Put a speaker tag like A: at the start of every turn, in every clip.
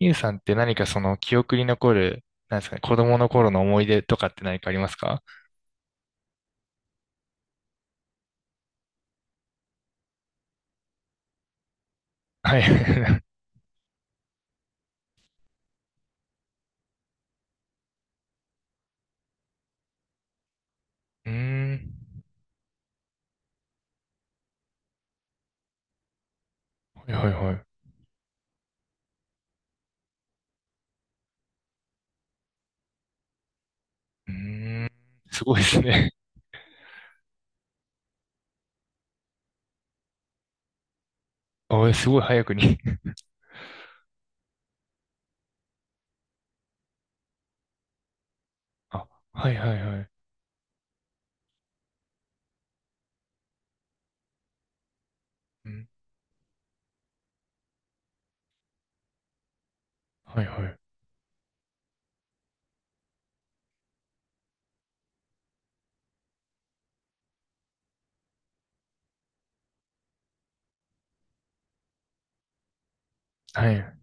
A: ゆうさんってその記憶に残る、なんですかね、子供の頃の思い出とかって何かありますか？ はい。うーん。はいはいはい。うーん。すごいですね。あ、えすごい早くに。あ、はいはいはい。うん。はいはい。はい。う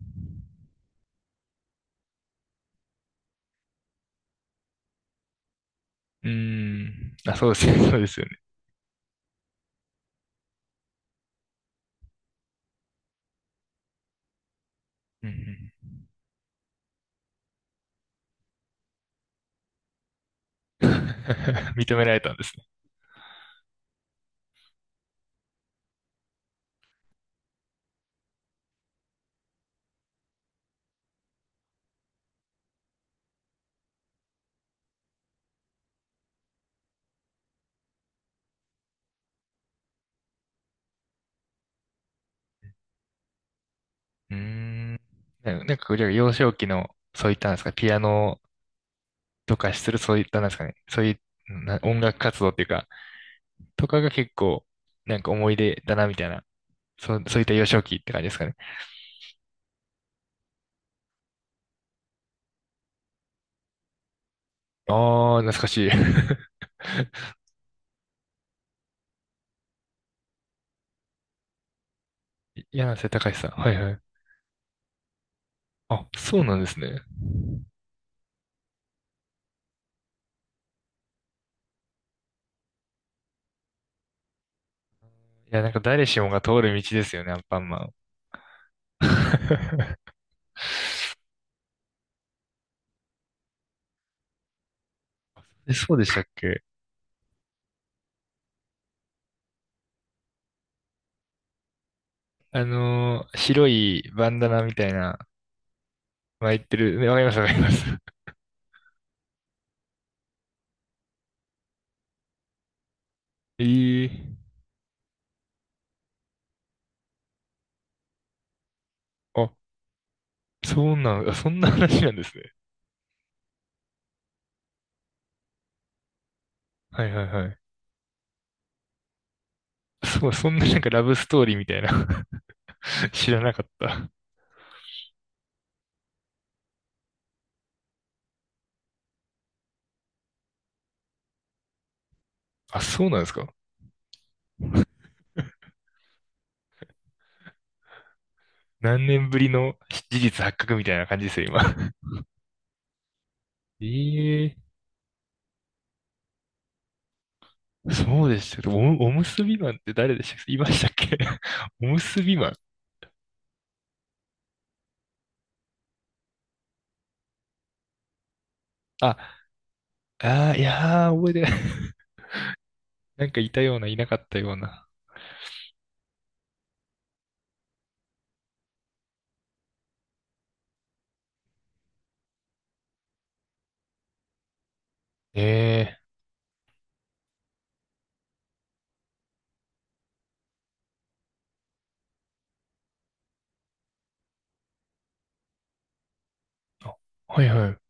A: ーん。あ、そうですね。そうですよね。うんうん。認められたんですね。うーん。なんか、じゃあ幼少期の、そういったなんですか、ピアノとかする、そういったなんですかね、そういうな音楽活動っていうか、とかが結構、なんか思い出だな、みたいな。そう、そういった幼少期って感じですかね？ああ、懐かしい。柳瀬隆さん。はいはい。あ、そうなんですね。いや、なんか誰しもが通る道ですよね、アンパンマン。えそうでしたっけ？あのー白いバンダナみたいな、巻いてる。ねわかります、わかります。ええ、あ、そうなん、あそんな話なんですね。はいはいはい。そう、そんななんかラブストーリーみたいな。 知らなかった。あ、そうなんですか？ 何年ぶりの事実発覚みたいな感じですよ、今。ええ、そうでしたけど、お、おむすびマンって誰でしたっけ？いましたっけ？ おむすびマン。あ、あーいやー、覚えてない。なんかいたような、いなかったような。ええ、あ、はいはい。う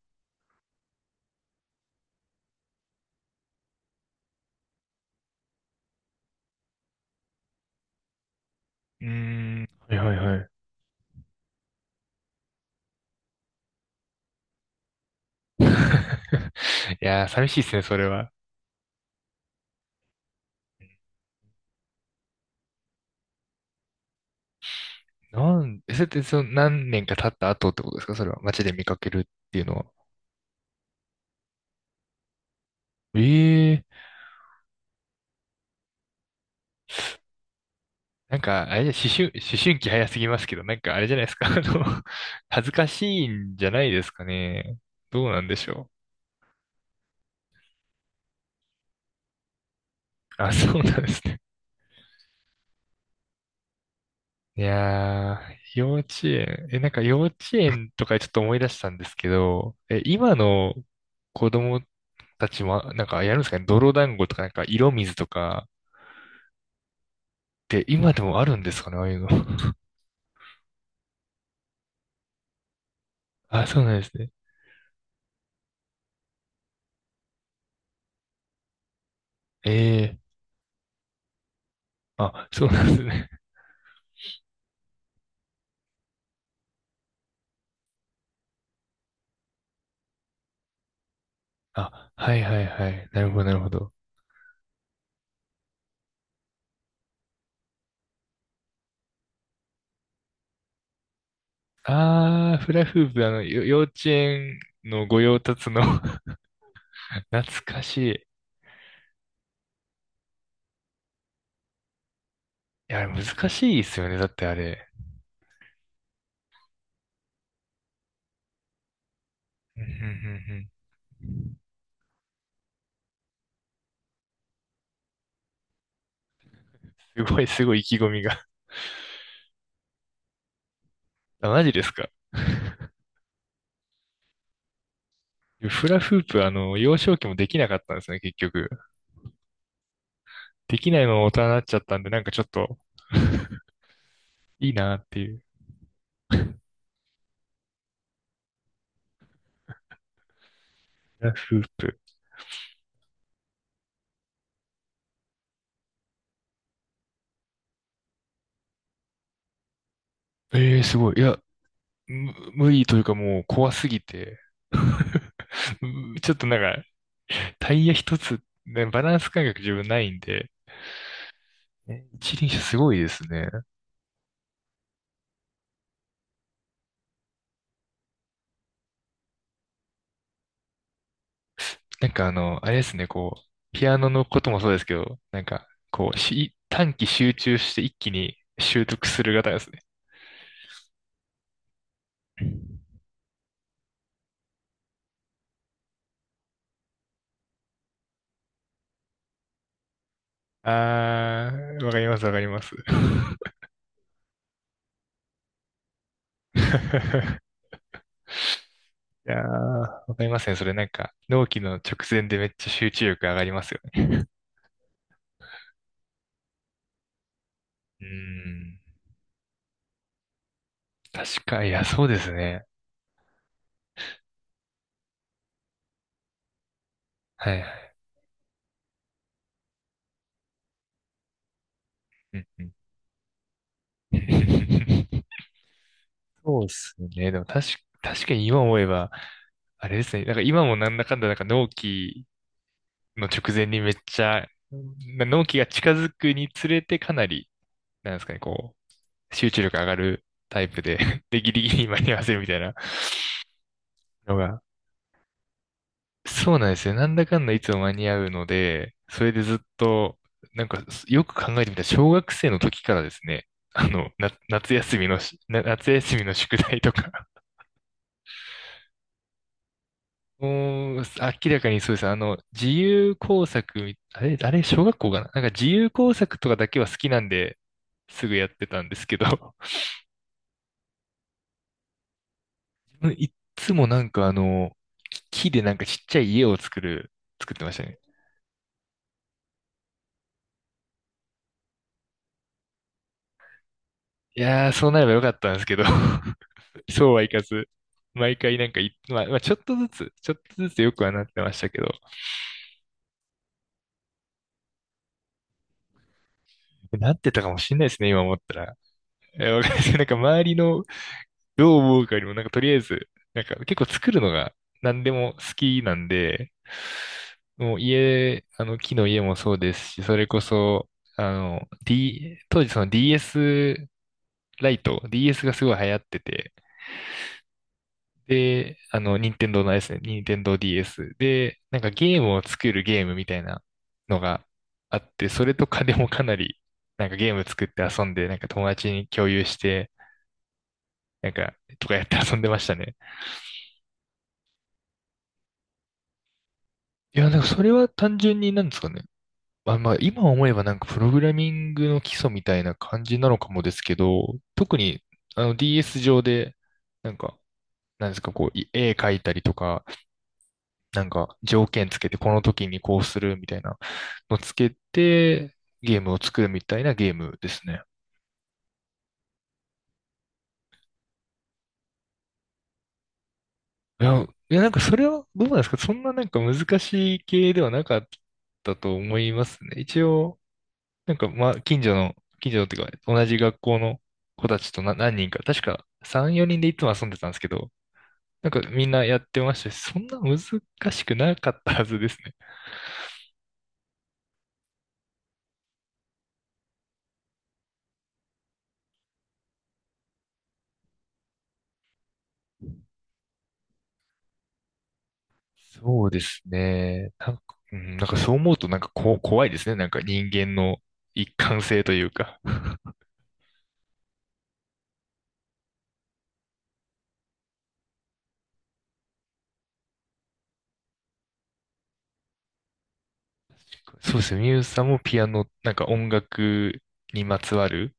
A: ーん、はいはいはい。いやー、寂しいですね、それは。なん、えそれってその何年か経った後ってことですか、それは。街で見かけるっていうのは。ええ、なんか、あれじゃ、思春期早すぎますけど、なんかあれじゃないですか、あの、恥ずかしいんじゃないですかね。どうなんでしょう。あ、そうなんですね。いやー、幼稚園、え、なんか幼稚園とかちょっと思い出したんですけど、え、今の子供たちも、なんかやるんですかね、泥団子とか、なんか色水とか、って今でもあるんですかね、ああいうの。あ、そうなんですね。ええ、あ、そうなんですね。あ、はいはいはい。なるほど、なるほど。あー、フラフープ、あの、よ幼稚園の御用達の。 懐かしい。いや、難しいですよね。だってあれ。うんうんうんうん、すごい、すごい意気込みが。あ、マジですか？フラフープ、あの、幼少期もできなかったんですね、結局。できないまま大人になっちゃったんで、なんかちょっと、いいなっていう。フラフープ。ええー、すごい。いや、無理というかもう怖すぎて。ちょっとなんか、タイヤ一つ、ね、バランス感覚自分ないんで、え一輪車すごいですね。なんかあの、あれですね、こう、ピアノのこともそうですけど、なんか、こう、し、短期集中して一気に習得する方ですね。あー、わかります、わかります。いやー、わかりますね。それなんか、納期の直前でめっちゃ集中力上がりますよね。うーん、確か、いや、そうですね。はいはい。うんうん。 そうですね。でも確かに今思えば、あれですね。なんか今もなんだかんだなんか納期の直前にめっちゃ、な納期が近づくにつれてかなり、なんですかね、こう、集中力上がるタイプで、 で、ギリギリに間に合わせるみたいなのが。そうなんですよ。なんだかんだいつも間に合うので、それでずっと、なんかよく考えてみたら小学生の時からですね、あの、な、夏休みのし、な夏休みの宿題とか、もう、明らかにそうです。あの、自由工作み、あれ、あれ、小学校かな、なんか自由工作とかだけは好きなんで、すぐやってたんですけど、いっつもなんかあの、木でなんかちっちゃい家を作る、作ってましたね。いやー、そうなればよかったんですけど、そうはいかず、毎回なんかい、まあ、まあ、ちょっとずつ、ちょっとずつよくはなってましたけど、なってたかもしれないですね、今思ったら。え、わかんないです。なんか周りのどう思うかよりも、なんかとりあえず、なんか結構作るのが何でも好きなんで、もう家、あの木の家もそうですし、それこそ、当時その DS ライト、DS がすごい流行ってて、で、あの、任天堂のあれですね、任天堂 DS で、なんかゲームを作るゲームみたいなのがあって、それとかでもかなり、なんかゲーム作って遊んで、なんか友達に共有して、なんか、とかやって遊んでましたね。いや、なんかそれは単純になんですかね。まあまあ、今思えばなんかプログラミングの基礎みたいな感じなのかもですけど、特にあの DS 上で、なんか、なんですか、こう、い絵描いたりとか、なんか条件つけてこの時にこうするみたいなのつけて、ゲームを作るみたいなゲームですね。いやなんかそれはどうなんですか、そんななんか難しい系ではなかったと思いますね。一応、なんか、まあ、近所のっていうか、同じ学校の子たちとな何人か、確か3、4人でいつも遊んでたんですけど、なんかみんなやってましたし、そんな難しくなかったはずですね。そうですね。なんか、うん、なんかそう思うとなんかこ、怖いですね。なんか人間の一貫性というか。そうですね。ミュウさんもピアノ、なんか音楽にまつわる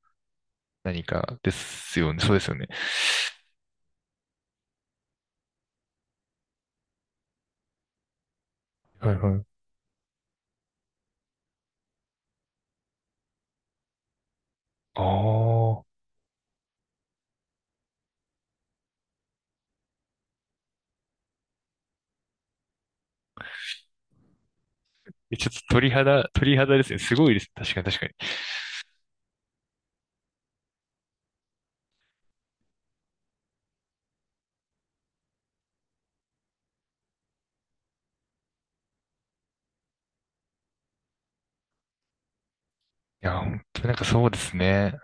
A: 何かですよね。そうですよね。はいはい。ああ。えちょっと鳥肌ですね。すごいです。確かに。いや、本当になんかそうですね。